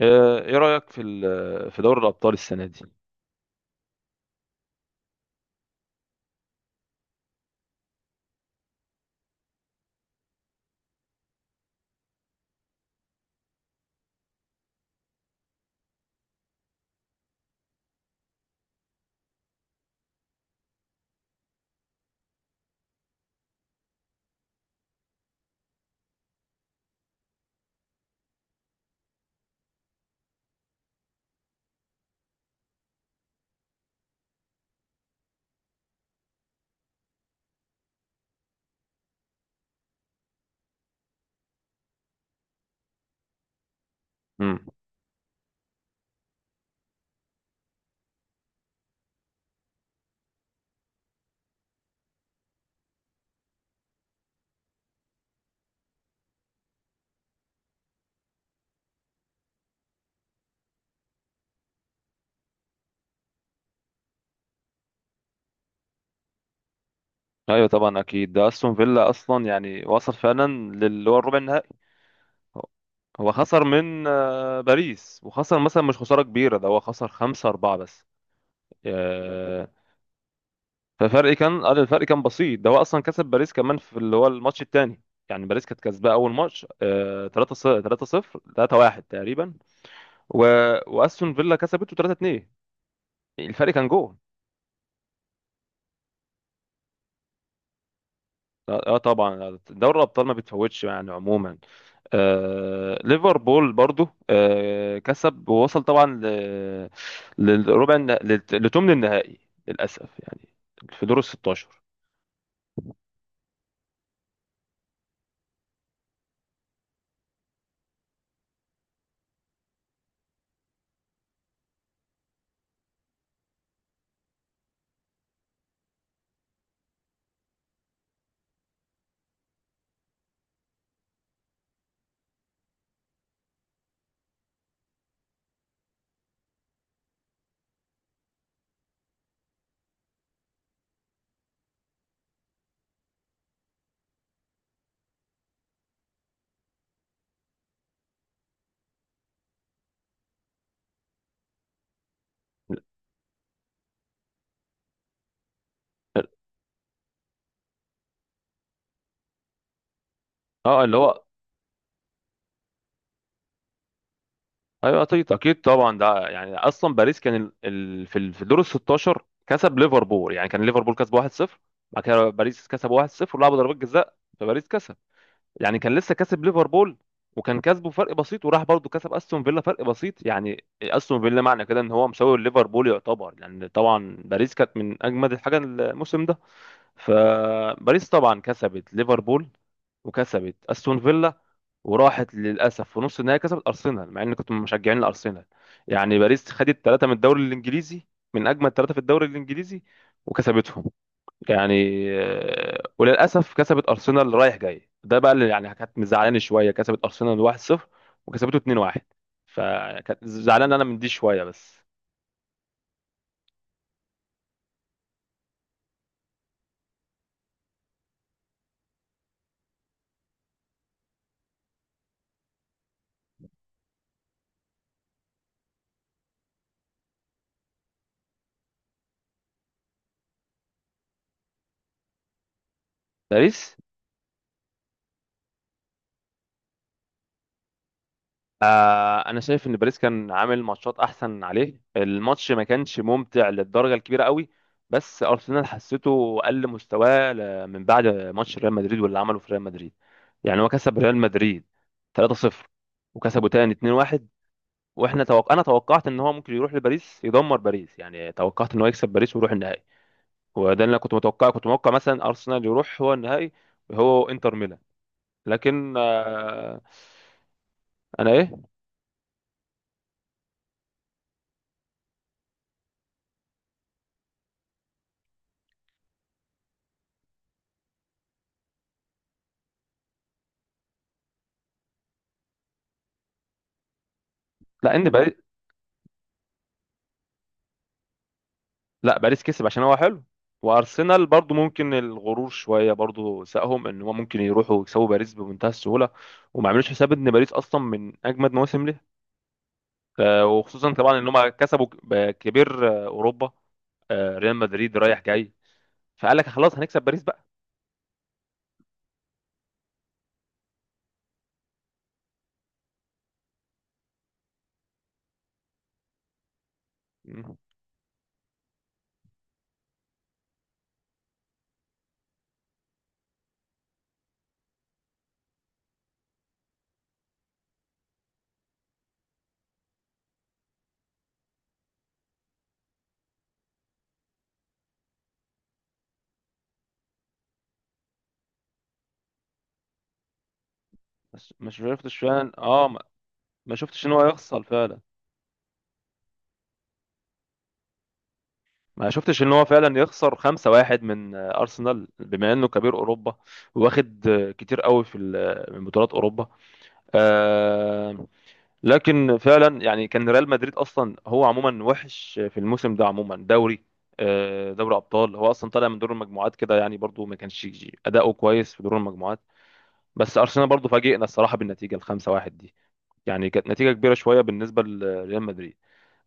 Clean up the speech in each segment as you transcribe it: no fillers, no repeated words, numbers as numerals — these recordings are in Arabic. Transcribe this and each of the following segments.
ايه رأيك في في دوري الأبطال السنة دي؟ امم. ايوه طبعا اكيد، ده استون فيلا اصلا يعني وصل فعلا للي هو الربع النهائي. هو هو خسر من باريس، وخسر مثلا مش خسارة كبيرة، ده هو خسر 5-4 بس. آه، ففرق كان قال الفرق كان بسيط، ده هو أصلا كسب باريس كمان في اللي هو الماتش التاني. يعني باريس كانت كسباه أول ماتش 3 0 3 0 3 1 تقريبا، و... وأستون فيلا كسبته 3 2، الفرق كان جول. اه. طبعا دوري الابطال ما بتفوتش يعني عموما. ليفربول برضو كسب ووصل طبعا للربع لثمن النهائي للاسف يعني، في دور ال 16. اه اللي هو، ايوه اكيد اكيد طبعا. ده يعني اصلا باريس كان في في دور ال 16 كسب ليفربول، يعني كان ليفربول كسب 1-0، بعد كده باريس كسب 1-0 ولعبوا ضربات جزاء، فباريس كسب. يعني كان لسه كسب ليفربول، وكان كسبه فرق بسيط، وراح برضه كسب استون فيلا فرق بسيط. يعني استون فيلا معنى كده ان هو مساوي ليفربول يعتبر، لان طبعا باريس كانت من اجمد الحاجه الموسم ده. فباريس طبعا كسبت ليفربول وكسبت استون فيلا، وراحت للاسف في نص النهائي كسبت ارسنال، مع اني كنت من مشجعين الارسنال. يعني باريس خدت 3 من الدوري الانجليزي، من اجمل 3 في الدوري الانجليزي، وكسبتهم يعني. وللاسف كسبت ارسنال رايح جاي، ده بقى اللي يعني كانت مزعلاني شويه، كسبت ارسنال 1-0 وكسبته 2-1. فكانت زعلان انا من دي شويه بس. باريس، انا شايف ان باريس كان عامل ماتشات احسن عليه، الماتش ما كانش ممتع للدرجه الكبيره قوي. بس ارسنال حسيته قل مستواه من بعد ماتش ريال مدريد، واللي عمله في ريال مدريد. يعني هو كسب ريال مدريد 3-0 وكسبه تاني 2-1، انا توقعت ان هو ممكن يروح لباريس يدمر باريس، يعني توقعت ان هو يكسب باريس ويروح النهائي. وده اللي انا كنت متوقعه، كنت متوقع مثلا ارسنال يروح هو النهائي، هو انتر ميلان. لكن انا ايه. لا ان باريس، لا باريس كسب عشان هو حلو، وارسنال برضو ممكن الغرور شويه برضو ساقهم ان هم ممكن يروحوا يكسبوا باريس بمنتهى السهوله، وما عملوش حساب ان باريس اصلا من اجمد مواسم ليه. وخصوصا طبعا ان هم كسبوا كبير اوروبا، ريال مدريد رايح جاي، فقال لك خلاص هنكسب باريس بقى. مم. بس ما شفتش فعلا، ما شفتش ان هو يخسر فعلا، ما شفتش ان هو فعلا يخسر 5-1 من ارسنال، بما انه كبير اوروبا، واخد كتير قوي في من بطولات اوروبا. آه لكن فعلا يعني كان ريال مدريد اصلا هو عموما وحش في الموسم ده عموما دوري. دوري ابطال هو اصلا طالع من دور المجموعات كده، يعني برضو ما كانش اداؤه كويس في دور المجموعات. بس ارسنال برضو فاجئنا الصراحه بالنتيجه الخمسة واحد دي، يعني كانت نتيجه كبيره شويه بالنسبه لريال مدريد.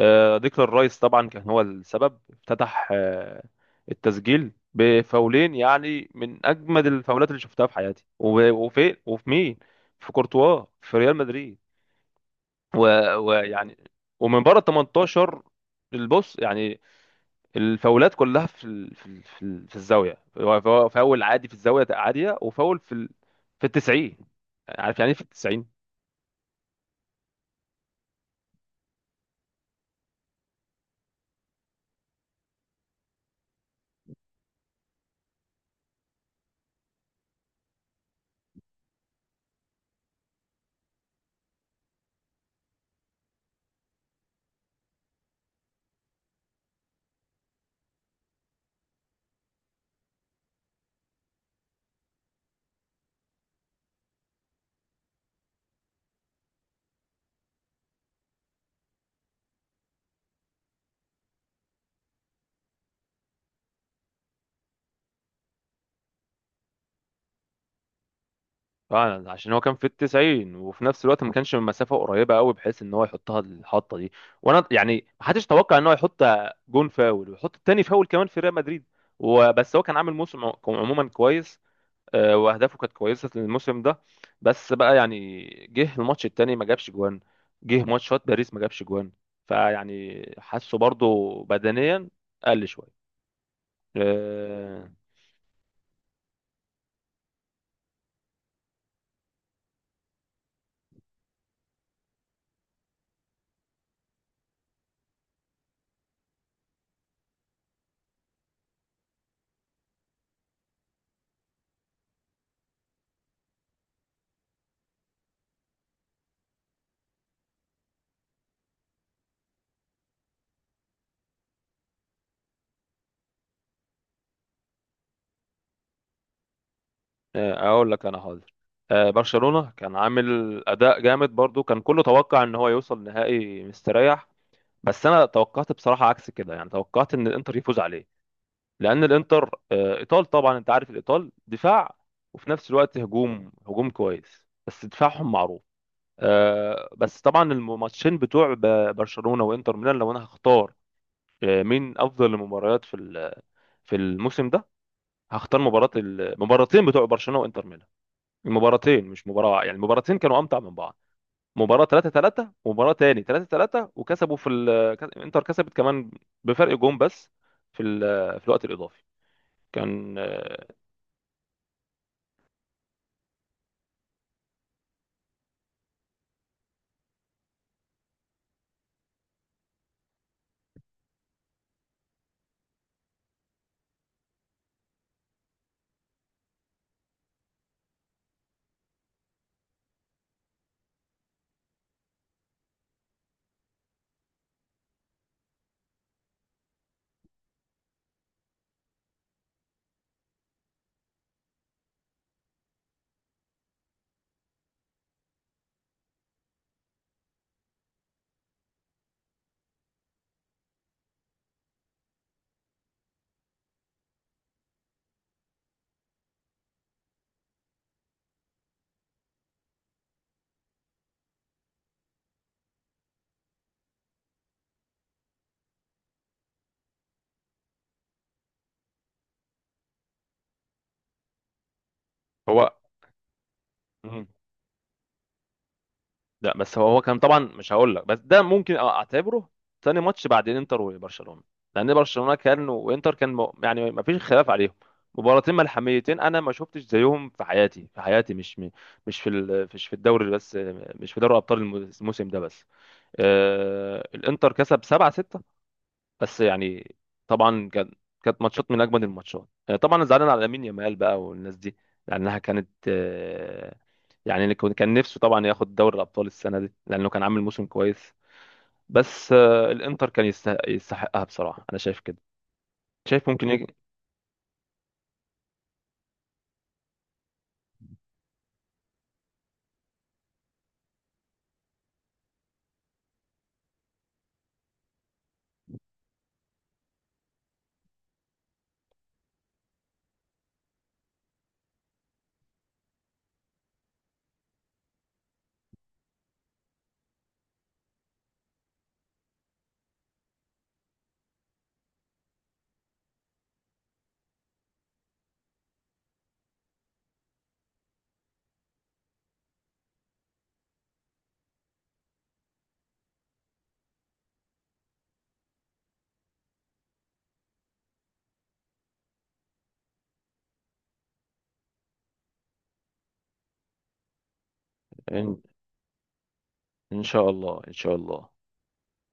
ديكلان رايس طبعا كان هو السبب، افتتح التسجيل بفاولين، يعني من اجمد الفاولات اللي شفتها في حياتي. وفي مين؟ في كورتوا، في ريال مدريد. ويعني، ومن بره ال 18 البص يعني. الفاولات كلها في في الزاويه، هو فاول عادي في الزاويه عاديه، وفاول في في التسعين. عارف يعني ايه في التسعين؟ فعلا، عشان هو كان في التسعين، وفي نفس الوقت ما كانش من مسافه قريبه قوي بحيث ان هو يحطها الحطه دي. وانا يعني ما حدش توقع ان هو يحط جون فاول ويحط التاني فاول كمان في ريال مدريد. وبس هو كان عامل موسم عموما كويس، واهدافه كانت كويسه الموسم ده. بس بقى يعني، جه الماتش التاني ما جابش جوان، جه ماتشات باريس ما جابش جوان، فيعني حاسه برضو بدنيا قل شويه. آه، اقول لك انا حاضر. برشلونه كان عامل اداء جامد برضو، كان كله توقع ان هو يوصل نهائي مستريح. بس انا توقعت بصراحه عكس كده، يعني توقعت ان الانتر يفوز عليه، لان الانتر ايطال طبعا. انت عارف الايطال دفاع، وفي نفس الوقت هجوم هجوم كويس، بس دفاعهم معروف. بس طبعا الماتشين بتوع برشلونة وانتر ميلان، لو انا هختار مين افضل المباريات في في الموسم ده، هختار مباراة المباراتين بتوع برشلونة وانتر ميلان. المباراتين مش مباراة واحدة، يعني المباراتين كانوا امتع من بعض، مباراة 3 3 ومباراة تاني 3 3، وكسبوا في انتر كسبت كمان بفرق جون بس في في الوقت الاضافي. كان هو. مم. لا بس هو كان طبعا، مش هقول لك بس ده ممكن اعتبره ثاني ماتش بعد انتر وبرشلونه، لان برشلونه كان وانتر كان يعني ما فيش خلاف عليهم. مباراتين ملحميتين انا ما شفتش زيهم في حياتي، في حياتي، مش مش في مش في الدوري بس، مش في دوري ابطال الموسم ده بس. الانتر كسب 7-6 بس، يعني طبعا كان، كانت ماتشات من اجمد الماتشات. طبعا انا زعلان على لامين يامال بقى والناس دي، لانها كانت يعني اللي كان نفسه طبعا ياخد دوري الابطال السنه دي لانه كان عامل موسم كويس. بس الانتر كان يستحقها، بصراحه انا شايف كده، شايف ممكن يجي ان إن شاء الله. ان شاء الله.